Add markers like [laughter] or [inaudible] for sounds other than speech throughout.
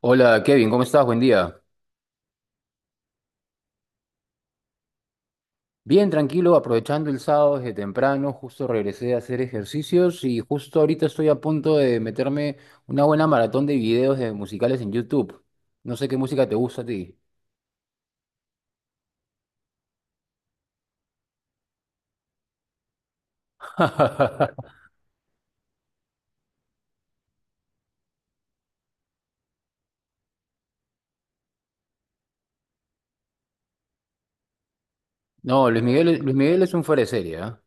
Hola Kevin, ¿cómo estás? Buen día. Bien, tranquilo, aprovechando el sábado desde temprano, justo regresé a hacer ejercicios y justo ahorita estoy a punto de meterme una buena maratón de videos de musicales en YouTube. No sé qué música te gusta a ti. [laughs] No, Luis Miguel, Luis Miguel es un fuera de serie, ¿ah?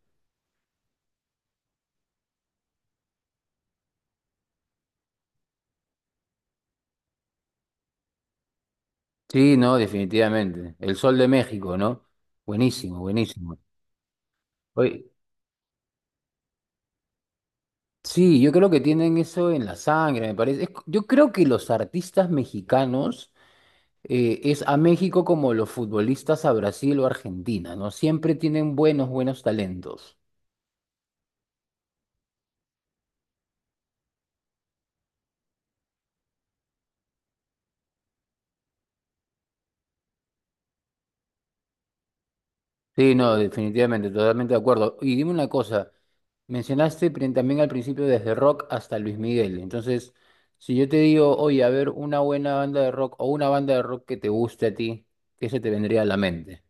Sí, no, definitivamente. El Sol de México, ¿no? Buenísimo, buenísimo. Oye, sí, yo creo que tienen eso en la sangre, me parece. Yo creo que los artistas mexicanos es a México como los futbolistas a Brasil o Argentina, ¿no? Siempre tienen buenos, buenos talentos. Sí, no, definitivamente, totalmente de acuerdo. Y dime una cosa, también al principio desde rock hasta Luis Miguel. Entonces, si yo te digo, oye, a ver, una buena banda de rock o una banda de rock que te guste a ti, ¿qué se te vendría a la mente?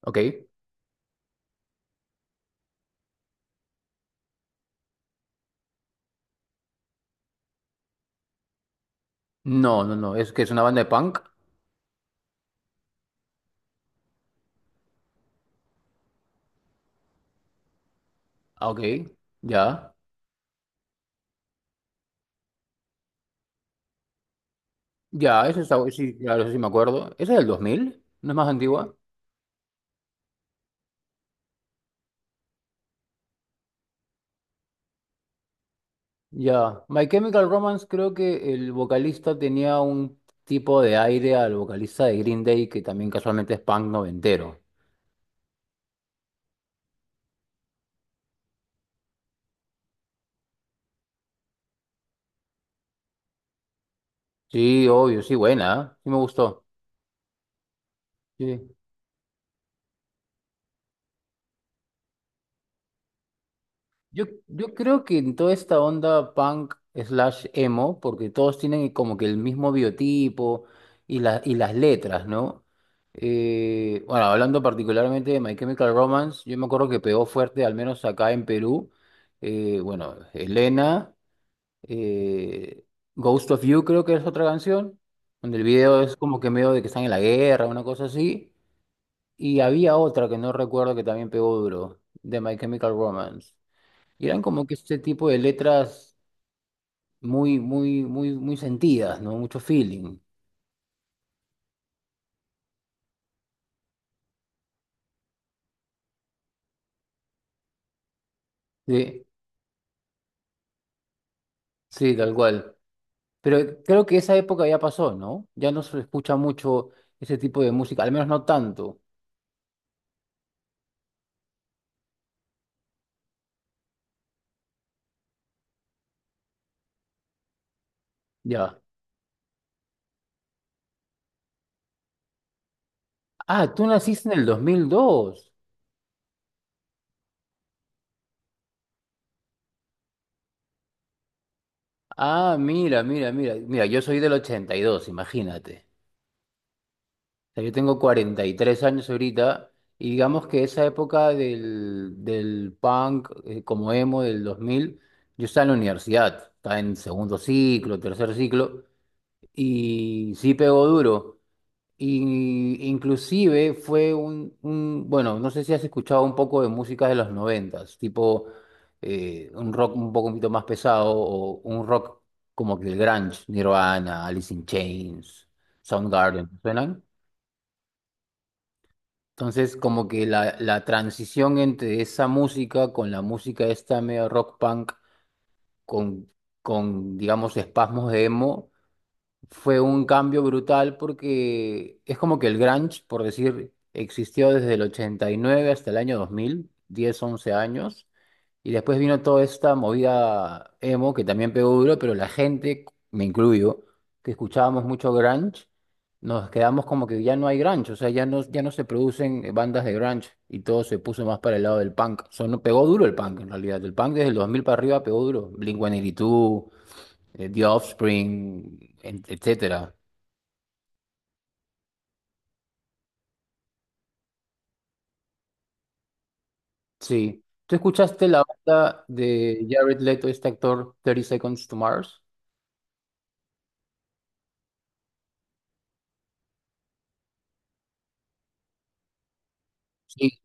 ¿Ok? No, no, no, es que es una banda de punk. Ah, Ok, ya. Ya, eso está, sí, claro, eso sí me acuerdo. ¿Esa es del 2000? ¿No es más antigua? Ya, My Chemical Romance creo que el vocalista tenía un tipo de aire al vocalista de Green Day que también casualmente es punk noventero. Sí, obvio, sí, buena, ¿eh? Sí me gustó. Sí. Yo creo que en toda esta onda punk slash emo, porque todos tienen como que el mismo biotipo y las letras, ¿no? Bueno, hablando particularmente de My Chemical Romance, yo me acuerdo que pegó fuerte, al menos acá en Perú. Bueno, Elena. Eh, Ghost of You creo que es otra canción, donde el video es como que medio de que están en la guerra, una cosa así. Y había otra que no recuerdo que también pegó duro, de My Chemical Romance. Y eran como que este tipo de letras muy, muy, muy, muy sentidas, ¿no? Mucho feeling. Sí, sí, tal cual. Pero creo que esa época ya pasó, ¿no? Ya no se escucha mucho ese tipo de música, al menos no tanto. Ya. Ah, tú naciste en el dos mil dos. Ah, mira, mira, mira. Mira, yo soy del 82, imagínate. O sea, yo tengo 43 años ahorita y digamos que esa época del punk como emo del 2000 yo estaba en la universidad, estaba en segundo ciclo, tercer ciclo y sí pegó duro. Y inclusive fue bueno, no sé si has escuchado un poco de música de los noventas, tipo un rock un poquito más pesado o un rock como que el grunge, Nirvana, Alice in Chains, Soundgarden, ¿suenan? Entonces como que la transición entre esa música con la música esta medio rock punk con, con digamos espasmos de emo fue un cambio brutal porque es como que el grunge, por decir, existió desde el 89 hasta el año 2000, 10 11 años. Y después vino toda esta movida emo que también pegó duro, pero la gente, me incluyo, que escuchábamos mucho grunge, nos quedamos como que ya no hay grunge, o sea, ya no se producen bandas de grunge y todo se puso más para el lado del punk. O sea, no pegó duro el punk en realidad, el punk desde el 2000 para arriba pegó duro. Blink-182, The Offspring, etcétera. Sí. ¿Tú escuchaste la banda de Jared Leto, este actor, Thirty Seconds to Mars? Sí.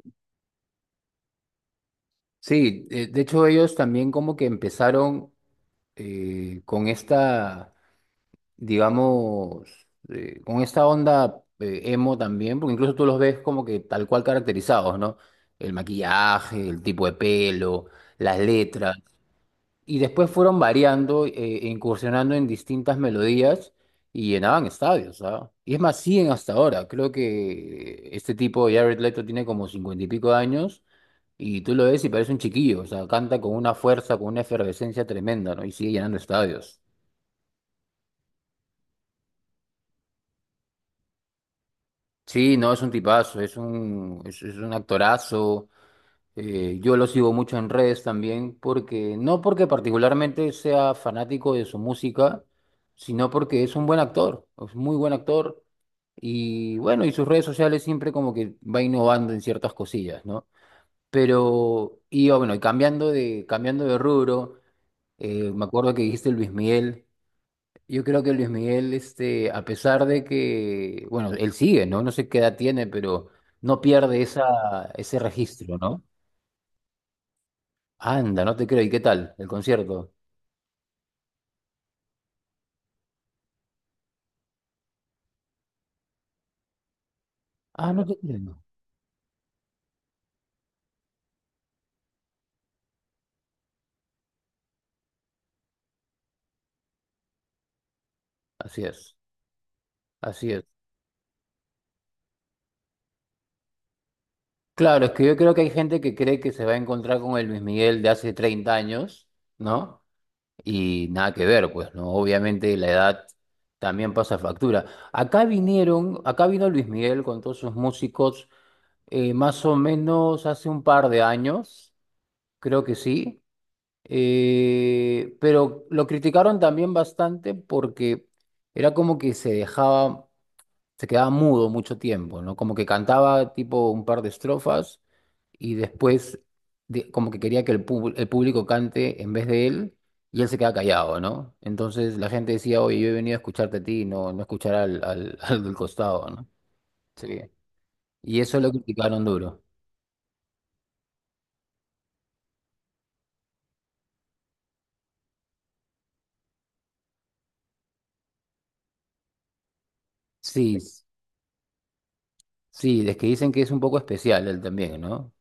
Sí, de hecho ellos también como que empezaron eh, con esta, digamos, con esta onda emo también, porque incluso tú los ves como que tal cual caracterizados, ¿no? El maquillaje, el tipo de pelo, las letras. Y después fueron variando, e incursionando en distintas melodías y llenaban estadios, ¿ah? Y es más, siguen hasta ahora. Creo que este tipo, Jared Leto, tiene como cincuenta y pico de años y tú lo ves y parece un chiquillo, o sea, canta con una fuerza, con una efervescencia tremenda, ¿no? Y sigue llenando estadios. Sí, no, es un tipazo, es un actorazo. Yo lo sigo mucho en redes también, porque no porque particularmente sea fanático de su música, sino porque es un buen actor, es muy buen actor. Y bueno, y sus redes sociales siempre como que va innovando en ciertas cosillas, ¿no? Pero, y oh, bueno, y cambiando de rubro, me acuerdo que dijiste Luis Miguel. Yo creo que Luis Miguel, este, a pesar de que, bueno, él sigue, ¿no? No sé qué edad tiene, pero no pierde ese registro, ¿no? Anda, no te creo. ¿Y qué tal el concierto? Ah, no te creo. Así es, así es. Claro, es que yo creo que hay gente que cree que se va a encontrar con el Luis Miguel de hace 30 años, ¿no? Y nada que ver, pues, ¿no? Obviamente la edad también pasa factura. Acá vino Luis Miguel con todos sus músicos, más o menos hace un par de años, creo que sí. Pero lo criticaron también bastante porque era como que se quedaba mudo mucho tiempo, ¿no? Como que cantaba tipo un par de estrofas y después como que quería que el público cante en vez de él y él se quedaba callado, ¿no? Entonces la gente decía, oye, yo he venido a escucharte a ti, no, no escuchar [laughs] al del costado, ¿no? Sí. Y eso lo criticaron duro. Sí, s- sí, es que dicen que es un poco especial él también, ¿no?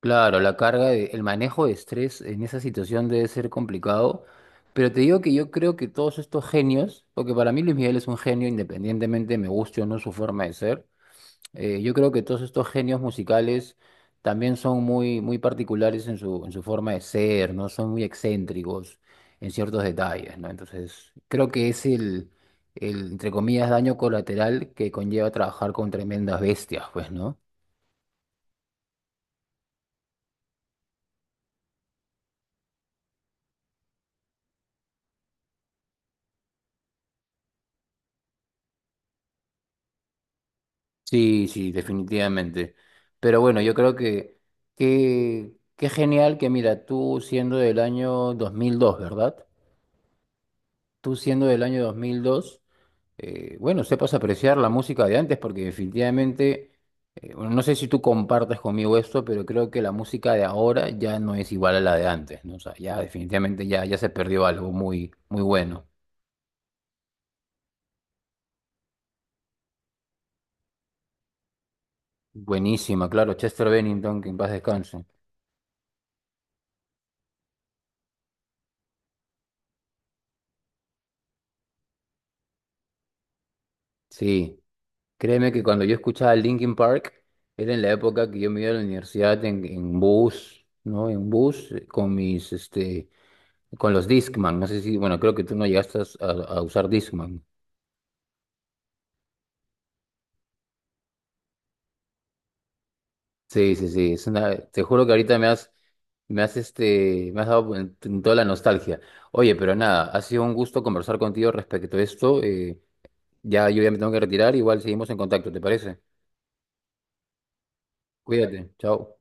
Claro, el manejo de estrés en esa situación debe ser complicado, pero te digo que yo creo que todos estos genios, porque para mí Luis Miguel es un genio independientemente me guste o no su forma de ser, yo creo que todos estos genios musicales también son muy, muy particulares en en su forma de ser, ¿no? Son muy excéntricos en ciertos detalles, ¿no? Entonces, creo que es entre comillas, daño colateral que conlleva trabajar con tremendas bestias, pues, ¿no? Sí, sí, definitivamente. Pero bueno, yo creo que qué genial que mira, tú siendo del año 2002, ¿verdad? Tú siendo del año 2002, bueno, sepas apreciar la música de antes porque definitivamente, bueno, no sé si tú compartes conmigo esto, pero creo que la música de ahora ya no es igual a la de antes, ¿no? O sea, ya definitivamente ya se perdió algo muy, muy bueno. Buenísima, claro, Chester Bennington, que en paz descanse. Sí. Créeme que cuando yo escuchaba Linkin Park, era en la época que yo me iba a la universidad en bus, ¿no? En bus con mis, este, con los Discman. No sé si, bueno, creo que tú no llegaste a usar Discman. Sí, sí, sí. Es una, te juro que ahorita me has dado en toda la nostalgia. Oye, pero nada, ha sido un gusto conversar contigo respecto a esto. Ya yo ya me tengo que retirar, igual seguimos en contacto, ¿te parece? Cuídate, chao.